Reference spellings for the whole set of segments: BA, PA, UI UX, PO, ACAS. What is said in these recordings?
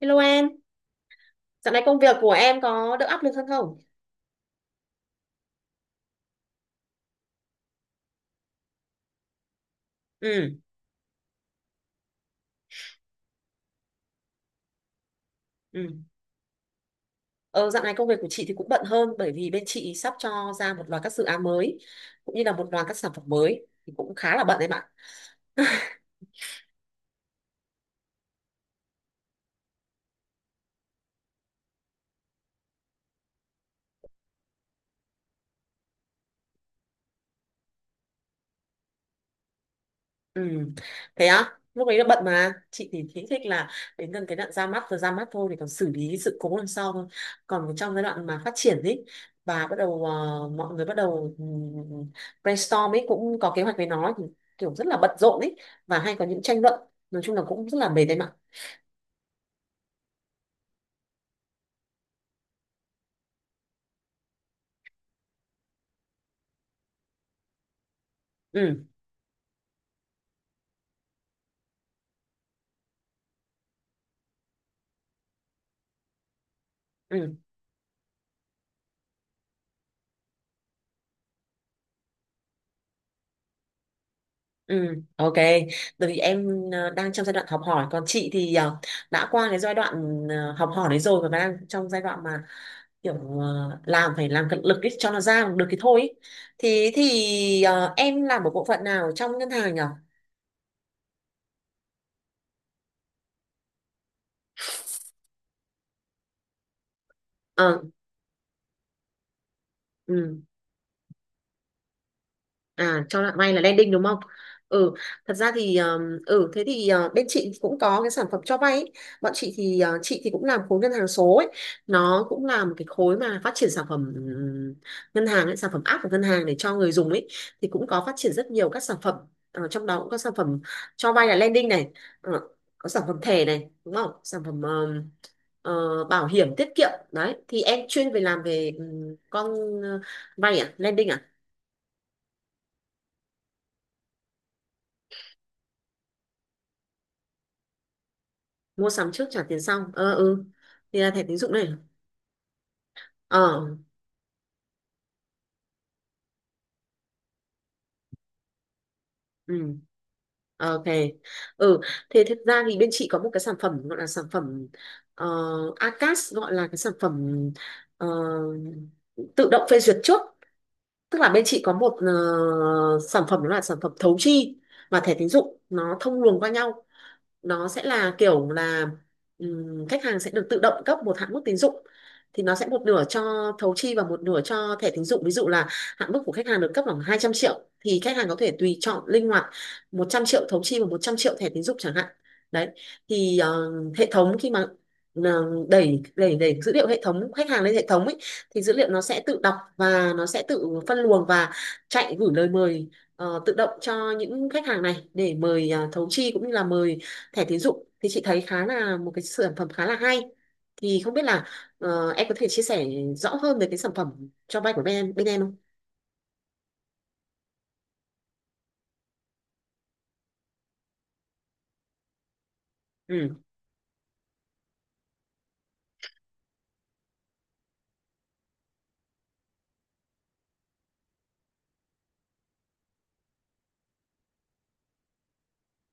Hello em, dạo này công việc của em có đỡ áp lực hơn không? Ừ. Ừ. Ờ, dạo này công việc của chị thì cũng bận hơn bởi vì bên chị sắp cho ra một loạt các dự án mới cũng như là một loạt các sản phẩm mới thì cũng khá là bận em ạ. Ừ. Thế á, lúc ấy là bận mà chị thì thích thích là đến gần cái đoạn ra mắt rồi ra mắt thôi thì còn xử lý sự cố lần sau thôi. Còn trong giai đoạn mà phát triển ấy và bắt đầu mọi người bắt đầu brainstorm ấy cũng có kế hoạch với nó thì kiểu rất là bận rộn ấy và hay có những tranh luận, nói chung là cũng rất là mệt đấy. Ừ. Ừ. Ừ. Ok. Bởi vì em đang trong giai đoạn học hỏi, còn chị thì đã qua cái giai đoạn học hỏi đấy rồi và đang trong giai đoạn mà kiểu làm phải làm cật lực ý, cho nó ra được cái thôi ý. Em làm ở bộ phận nào trong ngân hàng nhỉ? Ờ. Ừ. À, cho bạn may là landing đúng không? Ừ, thật ra thì ừ thế thì bên chị cũng có cái sản phẩm cho vay ấy. Bọn chị thì cũng làm khối ngân hàng số ấy. Nó cũng là một cái khối mà phát triển sản phẩm ngân hàng ấy, sản phẩm app của ngân hàng để cho người dùng ấy thì cũng có phát triển rất nhiều các sản phẩm. Ờ, trong đó cũng có sản phẩm cho vay là lending này, ờ, có sản phẩm thẻ này, đúng không? Sản phẩm bảo hiểm tiết kiệm đấy. Thì em chuyên về làm về con ờ, vay à, lending mua sắm trước trả tiền sau. Ờ. Ừ. Thì là thẻ tín dụng này. Ờ. Ừ. Ờ, ok. Ừ, thế thực ra thì bên chị có một cái sản phẩm gọi là sản phẩm ờ, ACAS, gọi là cái sản phẩm ờ, tự động phê duyệt trước, tức là bên chị có một sản phẩm đó là sản phẩm thấu chi và thẻ tín dụng nó thông luồng qua nhau, nó sẽ là kiểu là khách hàng sẽ được tự động cấp một hạn mức tín dụng thì nó sẽ một nửa cho thấu chi và một nửa cho thẻ tín dụng, ví dụ là hạn mức của khách hàng được cấp khoảng 200 triệu thì khách hàng có thể tùy chọn linh hoạt 100 triệu thấu chi và 100 triệu thẻ tín dụng chẳng hạn. Đấy thì hệ thống khi mà ờ, đẩy đẩy đẩy dữ liệu hệ thống khách hàng lên hệ thống ấy thì dữ liệu nó sẽ tự đọc và nó sẽ tự phân luồng và chạy gửi lời mời tự động cho những khách hàng này để mời à, thấu chi cũng như là mời thẻ tín dụng, thì chị thấy khá là một cái sản phẩm khá là hay, thì không biết là em có thể chia sẻ rõ hơn về cái sản phẩm cho vay của bên em không? Ừ.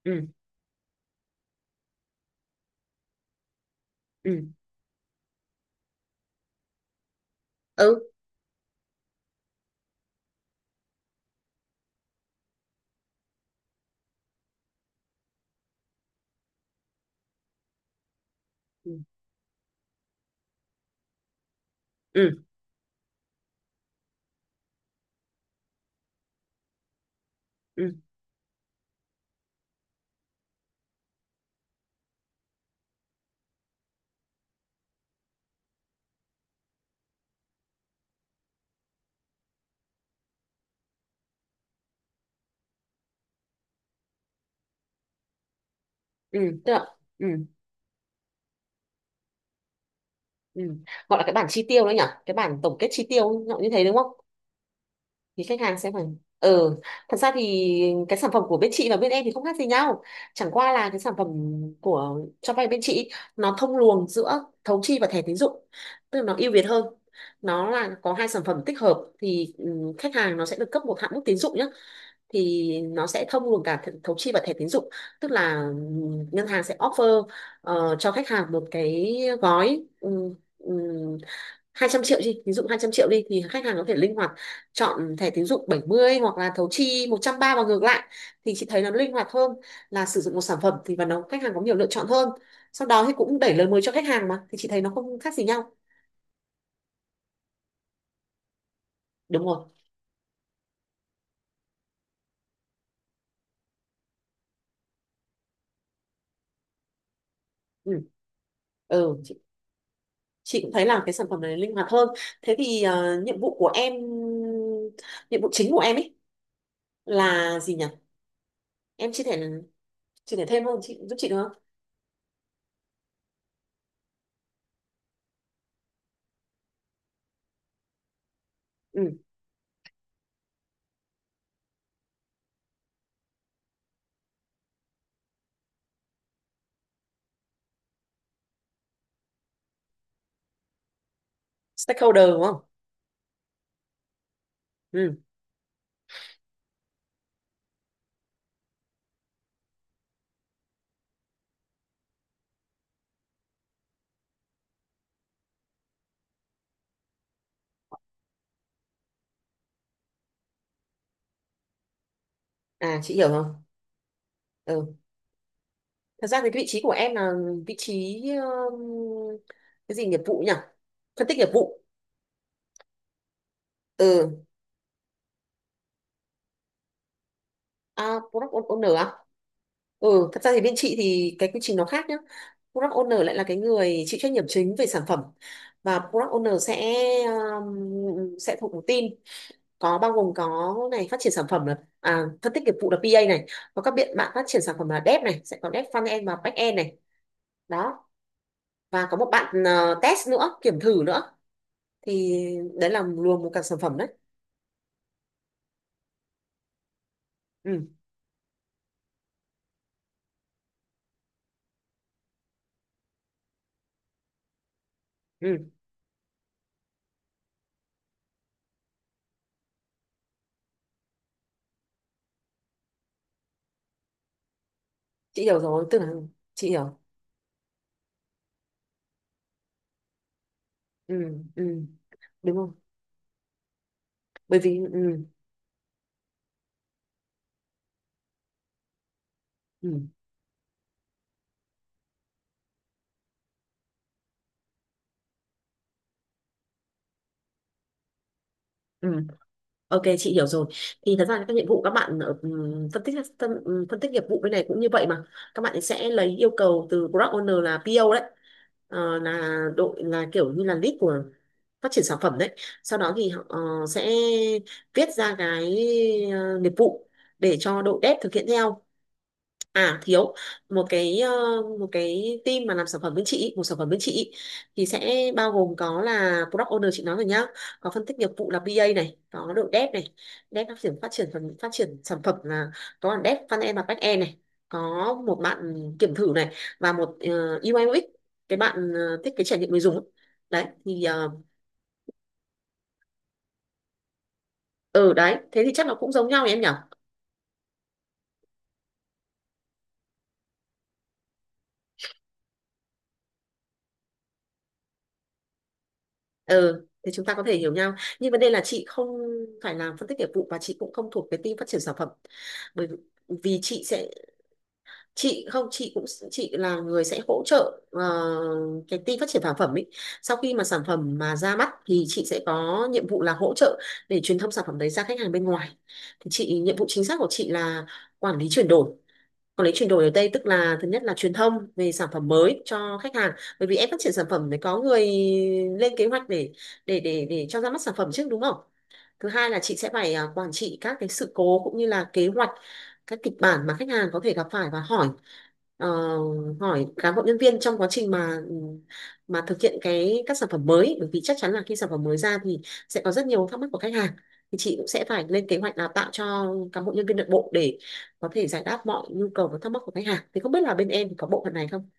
Ừ. Ừ. Ừ. Ừ. Ừ. Ừ. Ừ. Tức là. Ừ. Ừ. Gọi là cái bản chi tiêu đấy nhỉ, cái bản tổng kết chi tiêu nó như thế đúng không? Thì khách hàng sẽ phải. Ừ. Thật ra thì cái sản phẩm của bên chị và bên em thì không khác gì nhau, chẳng qua là cái sản phẩm của cho vay bên chị nó thông luồng giữa thấu chi và thẻ tín dụng tức là nó ưu việt hơn, nó là có hai sản phẩm tích hợp thì ừ, khách hàng nó sẽ được cấp một hạn mức tín dụng nhé. Thì nó sẽ thông luồng cả thấu chi và thẻ tín dụng, tức là ừ, ngân hàng sẽ offer cho khách hàng một cái gói 200 triệu đi, ví dụ 200 triệu đi thì khách hàng có thể linh hoạt chọn thẻ tín dụng 70 hoặc là thấu chi một trăm ba và ngược lại, thì chị thấy nó linh hoạt hơn là sử dụng một sản phẩm thì và nó khách hàng có nhiều lựa chọn hơn, sau đó thì cũng đẩy lời mới cho khách hàng mà, thì chị thấy nó không khác gì nhau. Đúng rồi. Ừ. Ừ chị cũng thấy là cái sản phẩm này linh hoạt hơn. Thế thì nhiệm vụ chính của em ấy là gì nhỉ? Em chia sẻ thêm không, chị giúp chị được không? Ừ. Stakeholder đúng không? Ừ. À chị hiểu rồi. Ừ. Thật ra thì cái vị trí của em là vị trí um, cái gì nghiệp vụ nhỉ? Phân tích nghiệp vụ. Ừ, à, product owner à? Ừ, thật ra thì bên chị thì cái quy trình nó khác nhá. Product owner lại là cái người chịu trách nhiệm chính về sản phẩm và product owner sẽ thuộc một team có bao gồm có này phát triển sản phẩm là à, phân tích nghiệp vụ là PA này, có các bạn bạn phát triển sản phẩm là dev này, sẽ có dev front end và back end này. Đó, và có một bạn test nữa, kiểm thử nữa, thì đấy là luồng một cả sản phẩm đấy. Ừ. Ừ chị hiểu rồi, tức là chị hiểu. Ừ. Ừ. Đúng không? Bởi vì ừ. Ừ. Ừ, ok chị hiểu rồi, thì thật ra các nhiệm vụ các bạn ở, phân tích nghiệp vụ bên này cũng như vậy mà, các bạn sẽ lấy yêu cầu từ product owner là PO đấy. Ờ, là đội là kiểu như là lead của phát triển sản phẩm đấy, sau đó thì họ sẽ viết ra cái nghiệp vụ để cho đội dev thực hiện theo. À thiếu một cái một cái team mà làm sản phẩm bên chị ý, một sản phẩm bên chị ý, thì sẽ bao gồm có là product owner chị nói rồi nhá, có phân tích nghiệp vụ là BA này, có đội dev này, dev phát triển phần phát triển sản phẩm là có là dev front end và back end này, có một bạn kiểm thử này và một UI UX, cái bạn thiết kế trải nghiệm người dùng ấy. Đấy thì ừ, đấy thế thì chắc là cũng giống nhau nhỉ em nhỉ. Ừ thì chúng ta có thể hiểu nhau, nhưng vấn đề là chị không phải làm phân tích nghiệp vụ và chị cũng không thuộc cái team phát triển sản phẩm, bởi vì chị sẽ chị không chị cũng chị là người sẽ hỗ trợ cái team phát triển sản phẩm ấy, sau khi mà sản phẩm mà ra mắt thì chị sẽ có nhiệm vụ là hỗ trợ để truyền thông sản phẩm đấy ra khách hàng bên ngoài, thì chị nhiệm vụ chính xác của chị là quản lý chuyển đổi, còn lấy chuyển đổi ở đây tức là thứ nhất là truyền thông về sản phẩm mới cho khách hàng, bởi vì em phát triển sản phẩm phải có người lên kế hoạch để để cho ra mắt sản phẩm trước đúng không? Thứ hai là chị sẽ phải à, quản trị các cái sự cố cũng như là kế hoạch các kịch bản mà khách hàng có thể gặp phải và hỏi ờ, hỏi cán bộ nhân viên trong quá trình mà thực hiện cái các sản phẩm mới, bởi vì chắc chắn là khi sản phẩm mới ra thì sẽ có rất nhiều thắc mắc của khách hàng, thì chị cũng sẽ phải lên kế hoạch đào tạo cho cán bộ nhân viên nội bộ để có thể giải đáp mọi nhu cầu và thắc mắc của khách hàng, thì không biết là bên em thì có bộ phận này không?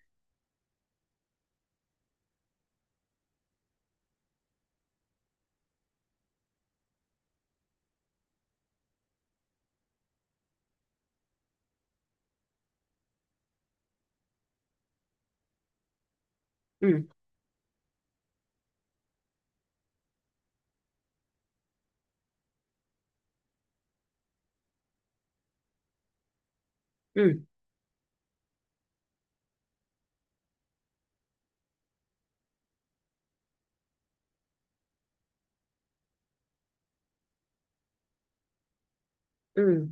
Ừ. Ừ. Ừ.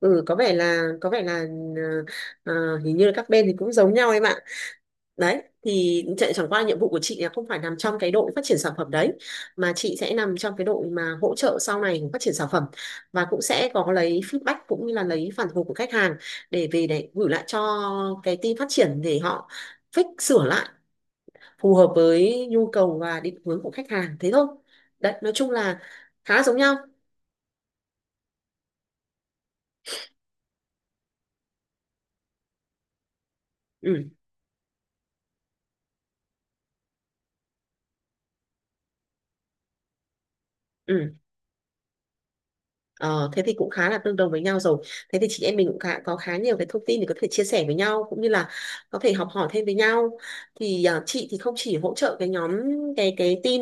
Ừ. Có vẻ là ờ, hình như là các bên thì cũng giống nhau em ạ. Đấy thì chẳng qua nhiệm vụ của chị là không phải nằm trong cái đội phát triển sản phẩm đấy, mà chị sẽ nằm trong cái đội mà hỗ trợ sau này của phát triển sản phẩm và cũng sẽ có lấy feedback cũng như là lấy phản hồi của khách hàng để về để gửi lại cho cái team phát triển để họ fix sửa lại phù hợp với nhu cầu và định hướng của khách hàng thế thôi. Đấy, nói chung là khá giống nhau. Ừ. Ừ. Ờ, thế thì cũng khá là tương đồng với nhau rồi, thế thì chị em mình cũng khá, có khá nhiều cái thông tin để có thể chia sẻ với nhau cũng như là có thể học hỏi thêm với nhau, thì à, chị thì không chỉ hỗ trợ cái nhóm cái team,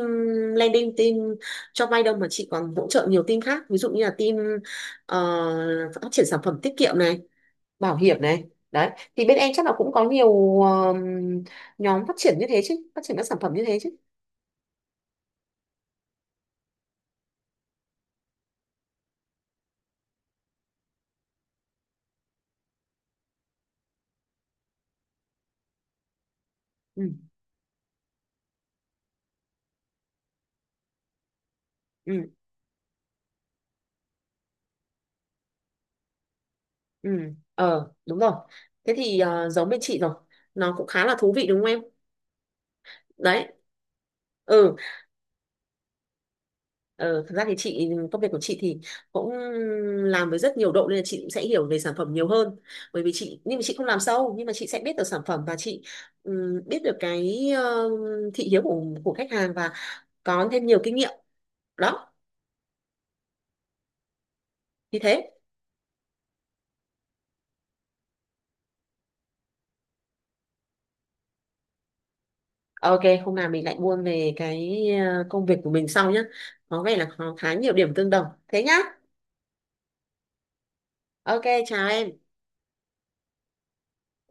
landing team cho vay đâu, mà chị còn hỗ trợ nhiều team khác, ví dụ như là team ờ, phát triển sản phẩm tiết kiệm này, bảo hiểm này, đấy thì bên em chắc là cũng có nhiều nhóm phát triển như thế chứ, phát triển các sản phẩm như thế chứ. Ừ. Ừ. Ừ. Ờ đúng rồi, thế thì giống bên chị rồi, nó cũng khá là thú vị đúng không em? Đấy. Ừ. Ờ, thật ra thì chị công việc của chị thì cũng làm với rất nhiều độ nên là chị cũng sẽ hiểu về sản phẩm nhiều hơn, bởi vì chị nhưng mà chị không làm sâu nhưng mà chị sẽ biết được sản phẩm và chị biết được cái thị hiếu của khách hàng và có thêm nhiều kinh nghiệm, đó như thế. Ờ, ok, hôm nào mình lại buôn về cái công việc của mình sau nhé. Có vẻ là có khá nhiều điểm tương đồng. Thế nhá. Ok, chào em.